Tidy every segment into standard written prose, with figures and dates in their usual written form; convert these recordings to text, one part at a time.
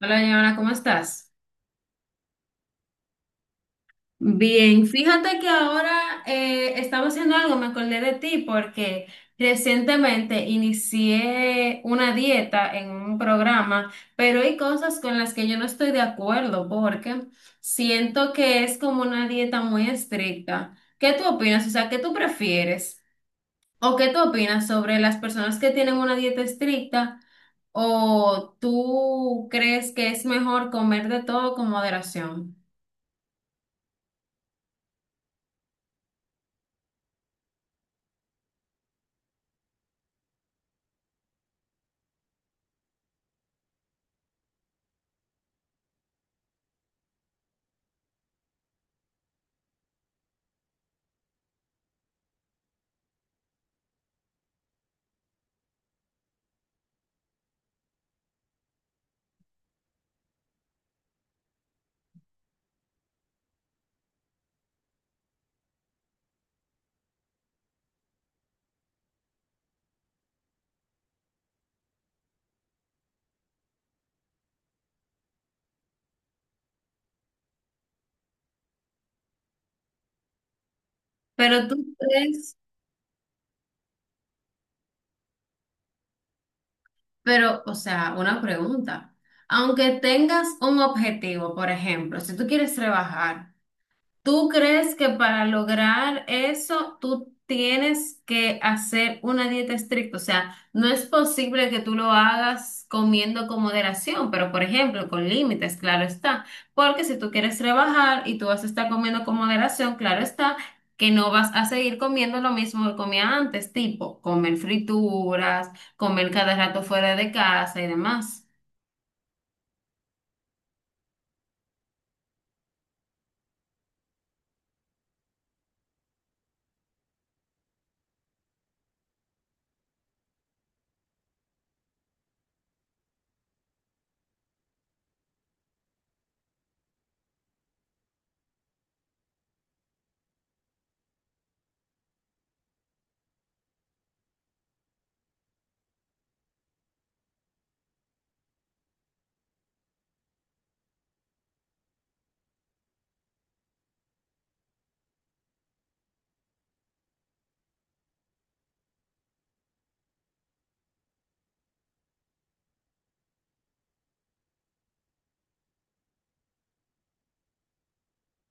Hola, Joana, ¿cómo estás? Bien, fíjate que ahora estaba haciendo algo, me acordé de ti porque recientemente inicié una dieta en un programa, pero hay cosas con las que yo no estoy de acuerdo porque siento que es como una dieta muy estricta. ¿Qué tú opinas? O sea, ¿qué tú prefieres? ¿O qué tú opinas sobre las personas que tienen una dieta estricta? ¿O tú crees que es mejor comer de todo con moderación? Pero tú crees, o sea, una pregunta. Aunque tengas un objetivo, por ejemplo, si tú quieres rebajar, ¿tú crees que para lograr eso tú tienes que hacer una dieta estricta? O sea, no es posible que tú lo hagas comiendo con moderación, pero por ejemplo, con límites, claro está. Porque si tú quieres rebajar y tú vas a estar comiendo con moderación, claro está que no vas a seguir comiendo lo mismo que comía antes, tipo comer frituras, comer cada rato fuera de casa y demás.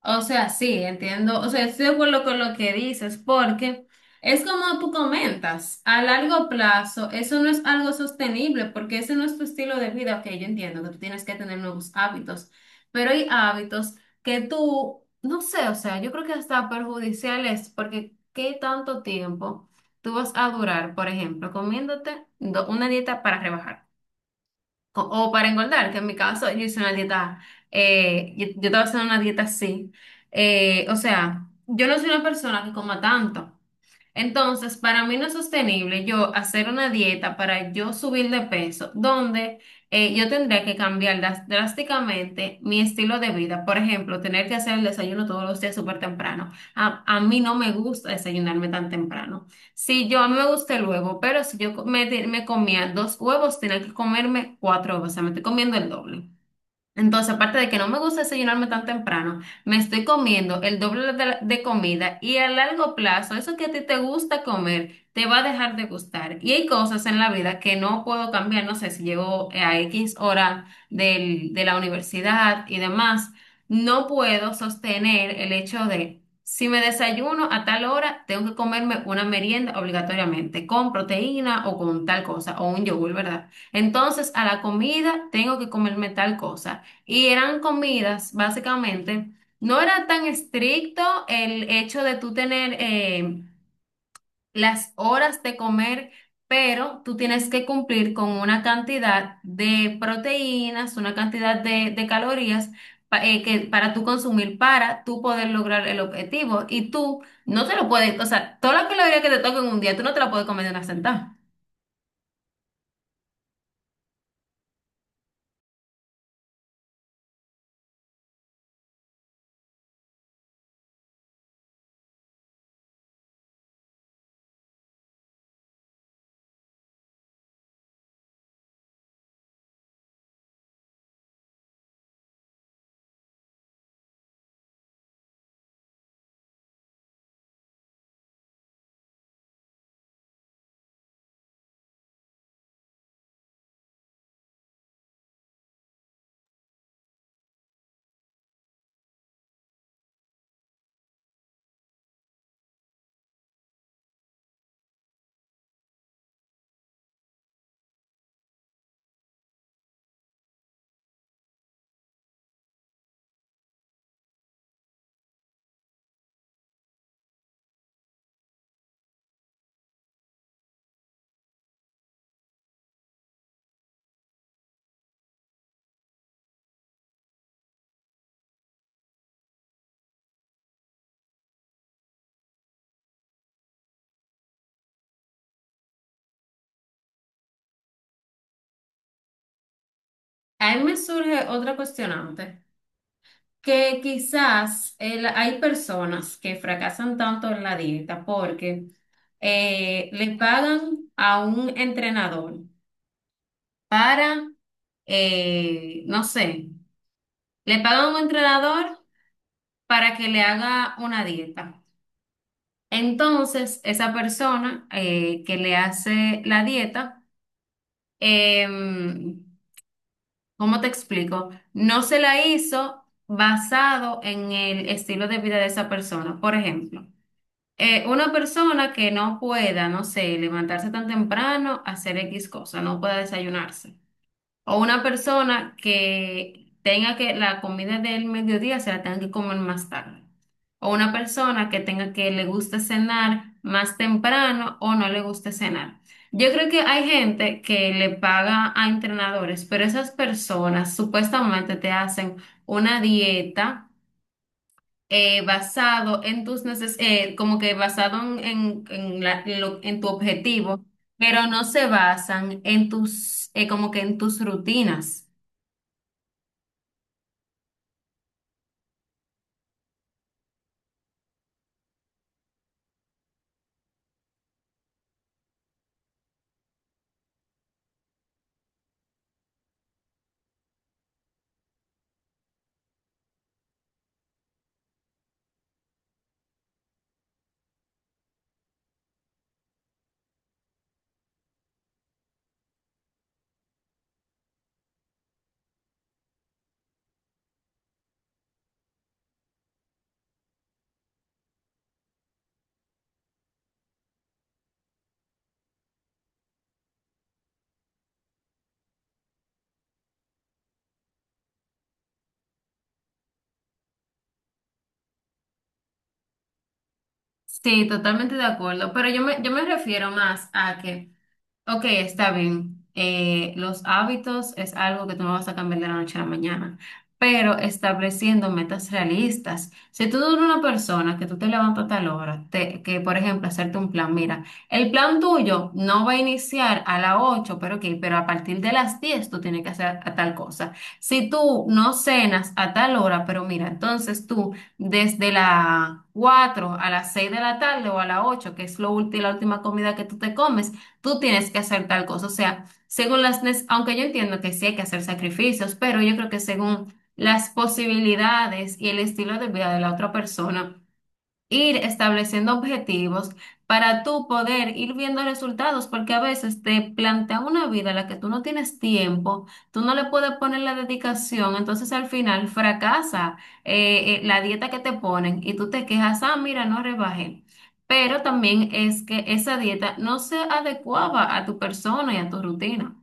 O sea, sí, entiendo. O sea, estoy de acuerdo con lo que dices, porque es como tú comentas, a largo plazo, eso no es algo sostenible, porque ese no es tu estilo de vida. Ok, yo entiendo que tú tienes que tener nuevos hábitos, pero hay hábitos que tú, no sé, o sea, yo creo que hasta perjudiciales, porque ¿qué tanto tiempo tú vas a durar, por ejemplo, una dieta para rebajar? O, o para engordar, que en mi caso yo hice una dieta, yo estaba haciendo una dieta así. O sea, yo no soy una persona que coma tanto. Entonces, para mí no es sostenible yo hacer una dieta para yo subir de peso, donde yo tendría que cambiar drásticamente mi estilo de vida. Por ejemplo, tener que hacer el desayuno todos los días súper temprano. A mí no me gusta desayunarme tan temprano. Si yo, a mí me gusta el huevo, pero si me comía dos huevos, tenía que comerme cuatro huevos, o sea, me estoy comiendo el doble. Entonces, aparte de que no me gusta desayunarme tan temprano, me estoy comiendo el doble de comida y a largo plazo, eso que a ti te gusta comer, te va a dejar de gustar. Y hay cosas en la vida que no puedo cambiar, no sé, si llego a X hora de la universidad y demás, no puedo sostener el hecho de, si me desayuno a tal hora, tengo que comerme una merienda obligatoriamente, con proteína o con tal cosa, o un yogur, ¿verdad? Entonces, a la comida tengo que comerme tal cosa. Y eran comidas, básicamente. No era tan estricto el hecho de tú tener las horas de comer, pero tú tienes que cumplir con una cantidad de proteínas, una cantidad de calorías para tú consumir, para tú poder lograr el objetivo. Y tú no te lo puedes, o sea, toda la caloría que te toca en un día, tú no te la puedes comer de una sentada. A mí me surge otra cuestionante, que quizás hay personas que fracasan tanto en la dieta porque le pagan a un entrenador para, no sé, le pagan a un entrenador para que le haga una dieta. Entonces, esa persona que le hace la dieta, em, ¿cómo te explico? No se la hizo basado en el estilo de vida de esa persona. Por ejemplo, una persona que no pueda, no sé, levantarse tan temprano, hacer X cosa, no pueda desayunarse. O una persona que tenga que la comida del mediodía se la tenga que comer más tarde. O una persona que tenga que le guste cenar más temprano o no le guste cenar. Yo creo que hay gente que le paga a entrenadores, pero esas personas supuestamente te hacen una dieta basado en tus neces como que basado en la- en lo- en tu objetivo, pero no se basan en como que en tus rutinas. Sí, totalmente de acuerdo, pero yo me refiero más a que. Ok, está bien. Los hábitos es algo que tú no vas a cambiar de la noche a la mañana, pero estableciendo metas realistas. Si tú eres una persona que tú te levantas a tal hora, que por ejemplo hacerte un plan, mira, el plan tuyo no va a iniciar a las 8, pero ok, pero a partir de las 10 tú tienes que hacer a tal cosa. Si tú no cenas a tal hora, pero mira, entonces tú desde las 4 a las 6 de la tarde o a las 8, que es lo la última comida que tú te comes, tú tienes que hacer tal cosa. O sea, según aunque yo entiendo que sí hay que hacer sacrificios, pero yo creo que según las posibilidades y el estilo de vida de la otra persona, ir estableciendo objetivos para tú poder ir viendo resultados, porque a veces te plantea una vida a la que tú no tienes tiempo, tú no le puedes poner la dedicación, entonces al final fracasa la dieta que te ponen y tú te quejas, ah, mira, no rebajé. Pero también es que esa dieta no se adecuaba a tu persona y a tu rutina.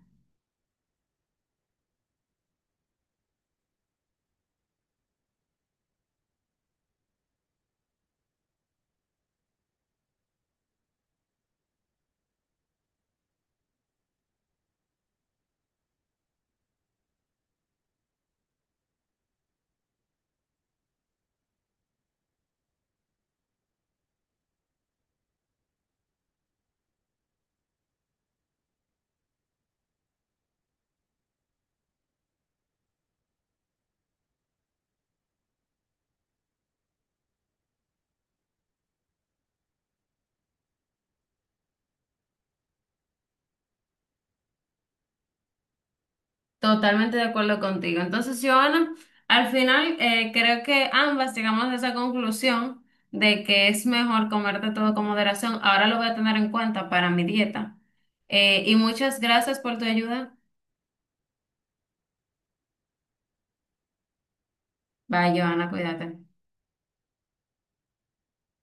Totalmente de acuerdo contigo. Entonces, Joana, al final creo que ambas llegamos a esa conclusión de que es mejor comerte todo con moderación. Ahora lo voy a tener en cuenta para mi dieta. Y muchas gracias por tu ayuda. Bye, Joana, cuídate.